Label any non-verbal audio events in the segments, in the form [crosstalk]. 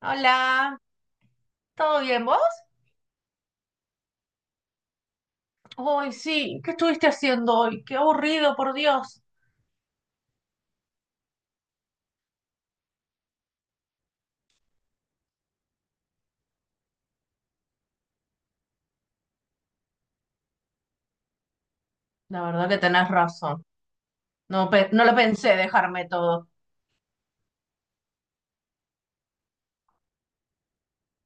Hola, ¿todo bien vos? Hoy sí, ¿qué estuviste haciendo hoy? Qué aburrido, por Dios. La verdad que tenés razón. No, no lo pensé dejarme todo.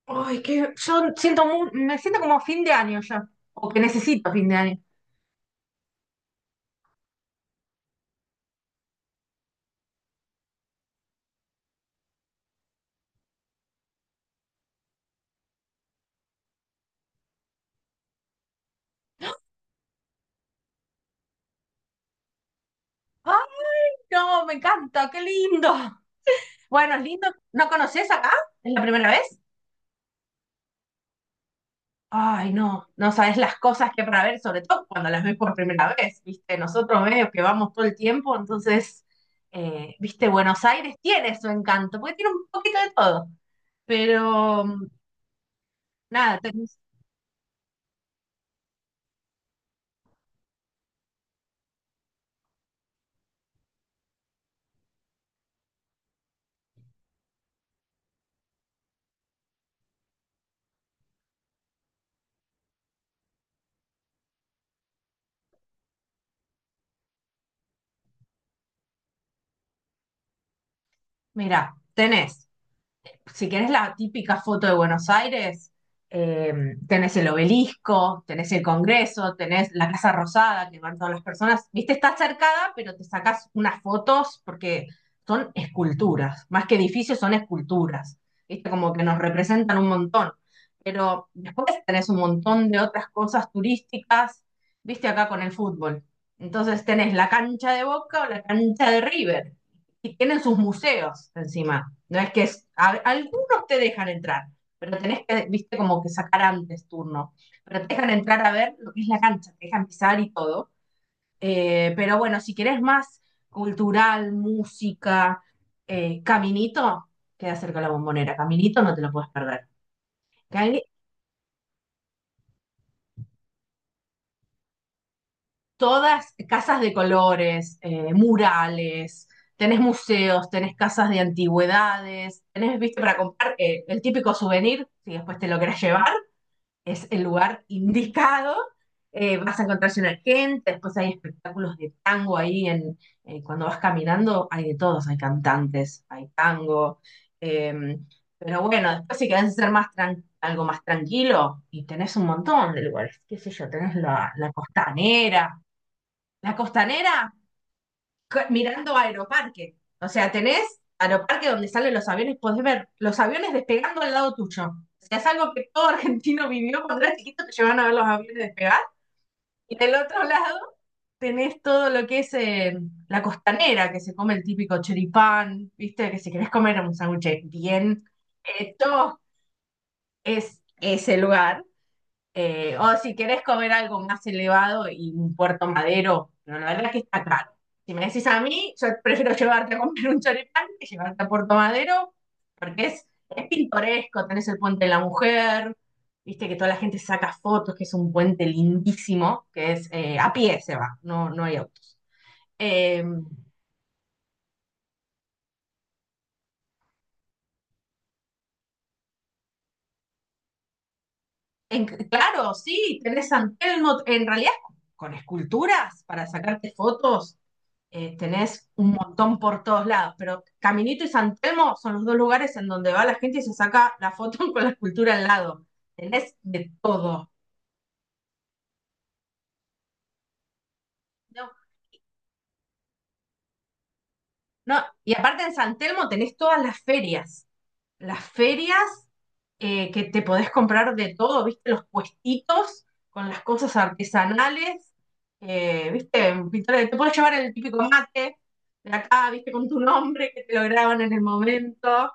Ay, que yo siento me siento como fin de año ya, o que necesito fin de año. Ay, no, me encanta, qué lindo. Bueno, es lindo. ¿No conoces acá? ¿Es la primera vez? Ay, no, no sabes las cosas que para ver, sobre todo cuando las ves por primera vez, ¿viste? Nosotros medio que vamos todo el tiempo, entonces, ¿viste? Buenos Aires tiene su encanto, porque tiene un poquito de todo. Pero, nada, tenés, mirá, tenés si querés la típica foto de Buenos Aires, eh, tenés el obelisco, tenés el Congreso, tenés la Casa Rosada, que van todas las personas. Viste, está cercada, pero te sacás unas fotos porque son esculturas, más que edificios, son esculturas. Viste, como que nos representan un montón. Pero después tenés un montón de otras cosas turísticas, viste, acá con el fútbol. Entonces tenés la cancha de Boca o la cancha de River y tienen sus museos encima. No es que algunos te dejan entrar, pero tenés que, viste, como que sacar antes turno. Pero te dejan entrar a ver lo que es la cancha, te dejan pisar y todo. Pero bueno, si querés más cultural, música, caminito, queda cerca de la bombonera. Caminito no te lo puedes perder. Cami- Todas casas de colores, murales, tenés museos, tenés casas de antigüedades, tenés, viste, para comprar el típico souvenir, si después te lo querés llevar, es el lugar indicado. Vas a encontrarse una gente, después hay espectáculos de tango ahí en, cuando vas caminando, hay de todos, hay cantantes, hay tango. eh, pero bueno, después si querés ser más algo más tranquilo, y tenés un montón de lugares, qué sé yo, tenés la costanera, la costanera, mirando Aeroparque. O sea, tenés Aeroparque donde salen los aviones, podés ver los aviones despegando al lado tuyo. O sea, es algo que todo argentino vivió cuando era chiquito, te llevaban a ver los aviones despegar. Y del otro lado tenés todo lo que es la costanera, que se come el típico choripán, ¿viste? Que si querés comer un sándwich bien hecho, es ese lugar. O si querés comer algo más elevado y un puerto madero, pero la verdad es que está caro. Si me decís a mí, yo prefiero [laughs] llevarte a comer un choripán que llevarte a Puerto Madero, porque es pintoresco, tenés el puente de la mujer, viste que toda la gente saca fotos, que es un puente lindísimo, que es a pie se va, no, no hay autos. Eh, claro, sí, tenés San Telmo, en realidad con esculturas para sacarte fotos tenés un montón por todos lados, pero Caminito y San Telmo son los dos lugares en donde va la gente y se saca la foto [laughs] con la escultura al lado. Tenés de todo. No, no, y aparte en San Telmo tenés todas las ferias. Las ferias que te podés comprar de todo, ¿viste? Los puestitos con las cosas artesanales, ¿viste? Pintores, te podés llevar el típico mate de acá, ¿viste? Con tu nombre que te lo graban en el momento.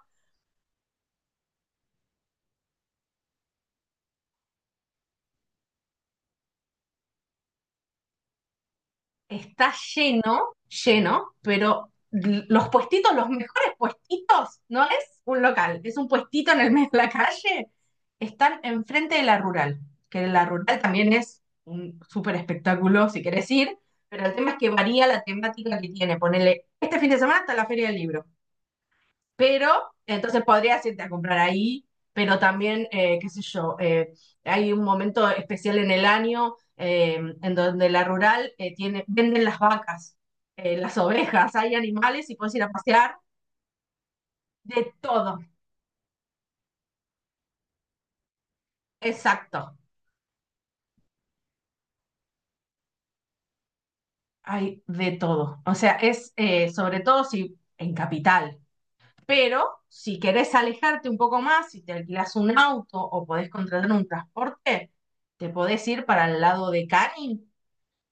Está lleno, lleno, pero los puestitos, los mejores puestitos, no es un local, es un puestito en el medio de la calle, están enfrente de la rural, que la rural también es un súper espectáculo si querés ir, pero el tema es que varía la temática que tiene. Ponele, este fin de semana está la Feria del Libro pero entonces podrías irte a comprar ahí, pero también, qué sé yo, hay un momento especial en el año en donde la rural tiene, venden las vacas, las ovejas, hay animales y puedes ir a pasear de todo, exacto, hay de todo. O sea, es sobre todo si en capital, pero si querés alejarte un poco más, si te alquilas un auto o podés contratar un transporte, te podés ir para el lado de Canning.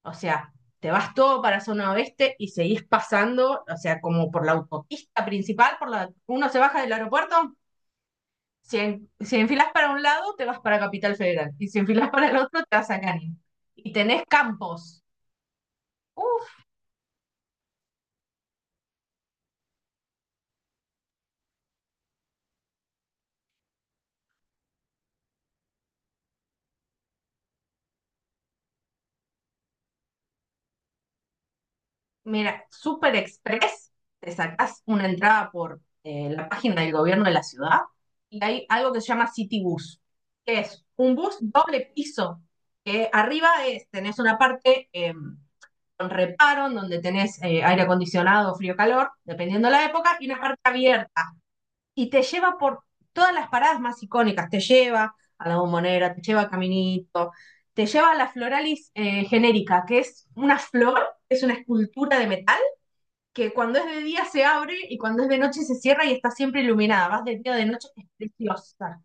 O sea, te vas todo para zona oeste y seguís pasando, o sea, como por la autopista principal, por la, uno se baja del aeropuerto, si, si enfilas para un lado, te vas para Capital Federal, y si enfilas para el otro, te vas a Canin. Y tenés campos. Uf, mira, Super Express, te sacás una entrada por la página del gobierno de la ciudad, y hay algo que se llama City Bus, que es un bus doble piso, que arriba es, tenés una parte... con reparo, donde tenés aire acondicionado, frío, calor, dependiendo de la época, y una parte abierta. Y te lleva por todas las paradas más icónicas, te lleva a la bombonera, te lleva a Caminito, te lleva a la floralis genérica, que es una flor, es una escultura de metal, que cuando es de día se abre y cuando es de noche se cierra y está siempre iluminada. Vas de día o de noche, es preciosa.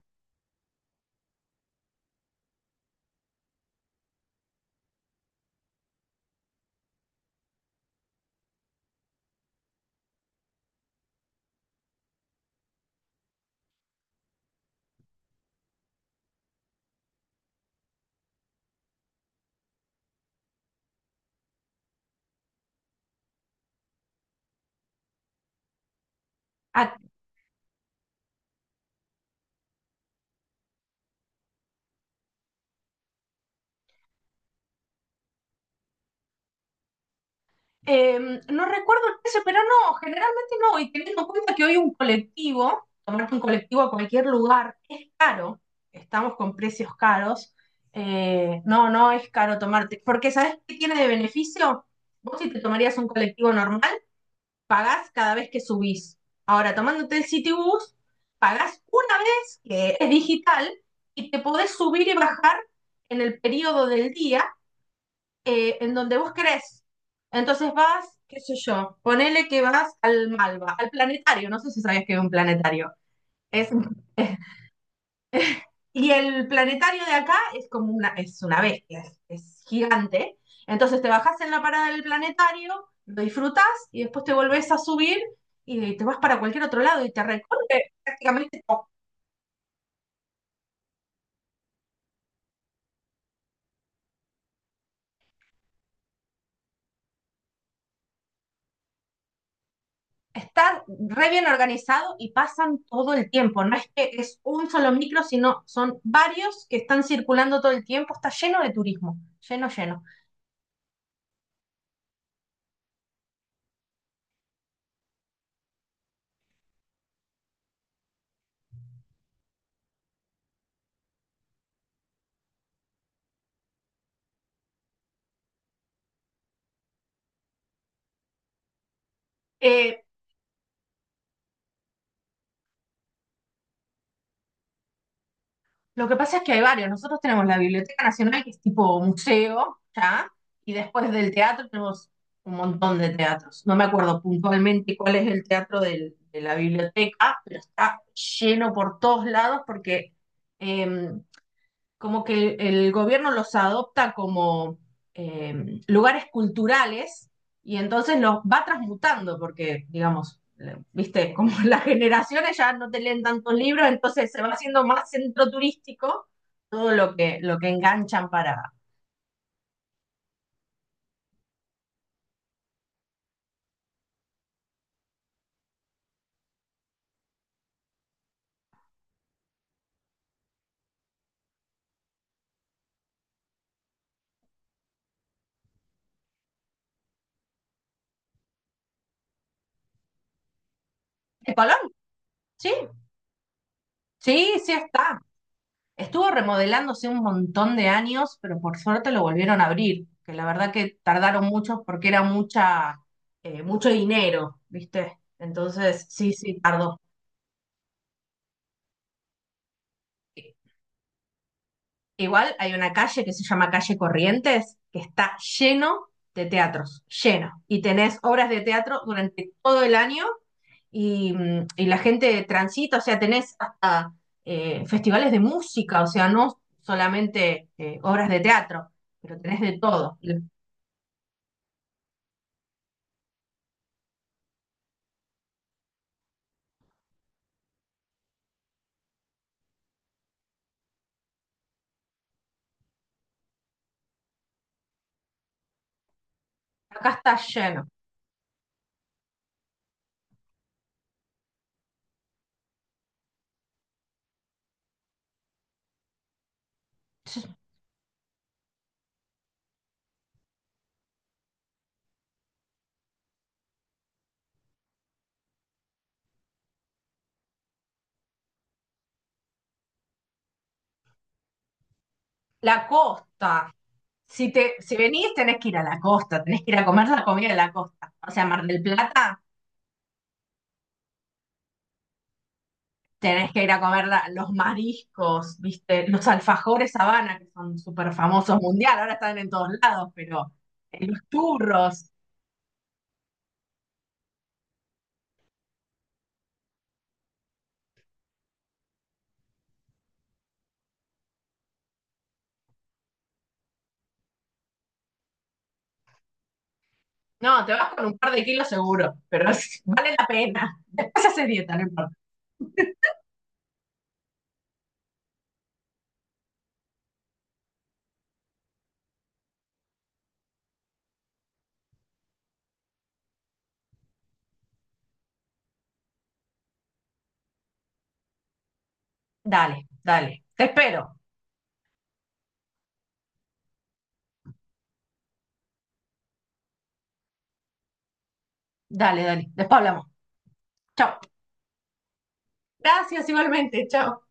A. Eh, no recuerdo el precio, pero no, generalmente no. Y teniendo en cuenta que hoy un colectivo, tomarte un colectivo a cualquier lugar, es caro. Estamos con precios caros. No, no es caro tomarte. Porque ¿sabés qué tiene de beneficio? Vos si te tomarías un colectivo normal, pagás cada vez que subís. Ahora, tomándote el Citibus, pagás una vez, que es digital, y te podés subir y bajar en el periodo del día en donde vos querés. Entonces vas, qué sé yo, ponele que vas al Malva, al planetario, no sé si sabías que es un planetario. Es, [laughs] y el planetario de acá es como una, es una bestia, es gigante. Entonces te bajás en la parada del planetario, lo disfrutás y después te volvés a subir y te vas para cualquier otro lado y te recorre prácticamente está re bien organizado y pasan todo el tiempo. No es que es un solo micro, sino son varios que están circulando todo el tiempo. Está lleno de turismo, lleno, lleno. Eh, lo que pasa es que hay varios. Nosotros tenemos la Biblioteca Nacional, que es tipo museo, ¿ya? Y después del teatro tenemos un montón de teatros. No me acuerdo puntualmente cuál es el teatro de la biblioteca, pero está lleno por todos lados porque... em, como que el gobierno los adopta como lugares culturales y entonces los va transmutando, porque, digamos, viste, como [laughs] las generaciones ya no te leen tantos libros, entonces se va haciendo más centro turístico todo lo que enganchan para... ¿De Colón? Sí, sí, sí está. Estuvo remodelándose un montón de años, pero por suerte lo volvieron a abrir, que la verdad que tardaron mucho porque era mucha, mucho dinero, ¿viste? Entonces, sí, sí, tardó. Igual hay una calle que se llama Calle Corrientes, que está lleno de teatros, lleno. Y tenés obras de teatro durante todo el año y, y la gente transita, o sea, tenés hasta festivales de música, o sea, no solamente obras de teatro pero tenés de todo. Acá está lleno. La costa. Si te, si venís, tenés que ir a la costa, tenés que ir a comer la comida de la costa. O sea, Mar del Plata, tenés que ir a comer los mariscos, ¿viste? Los alfajores Habana, que son súper famosos mundial, ahora están en todos lados, pero los churros. No, te vas con un par de kilos seguro, pero [laughs] vale la pena. Después haces dieta, no importa. Dale, dale. Te espero. Dale, dale. Después hablamos. Chao. Gracias igualmente. Chao.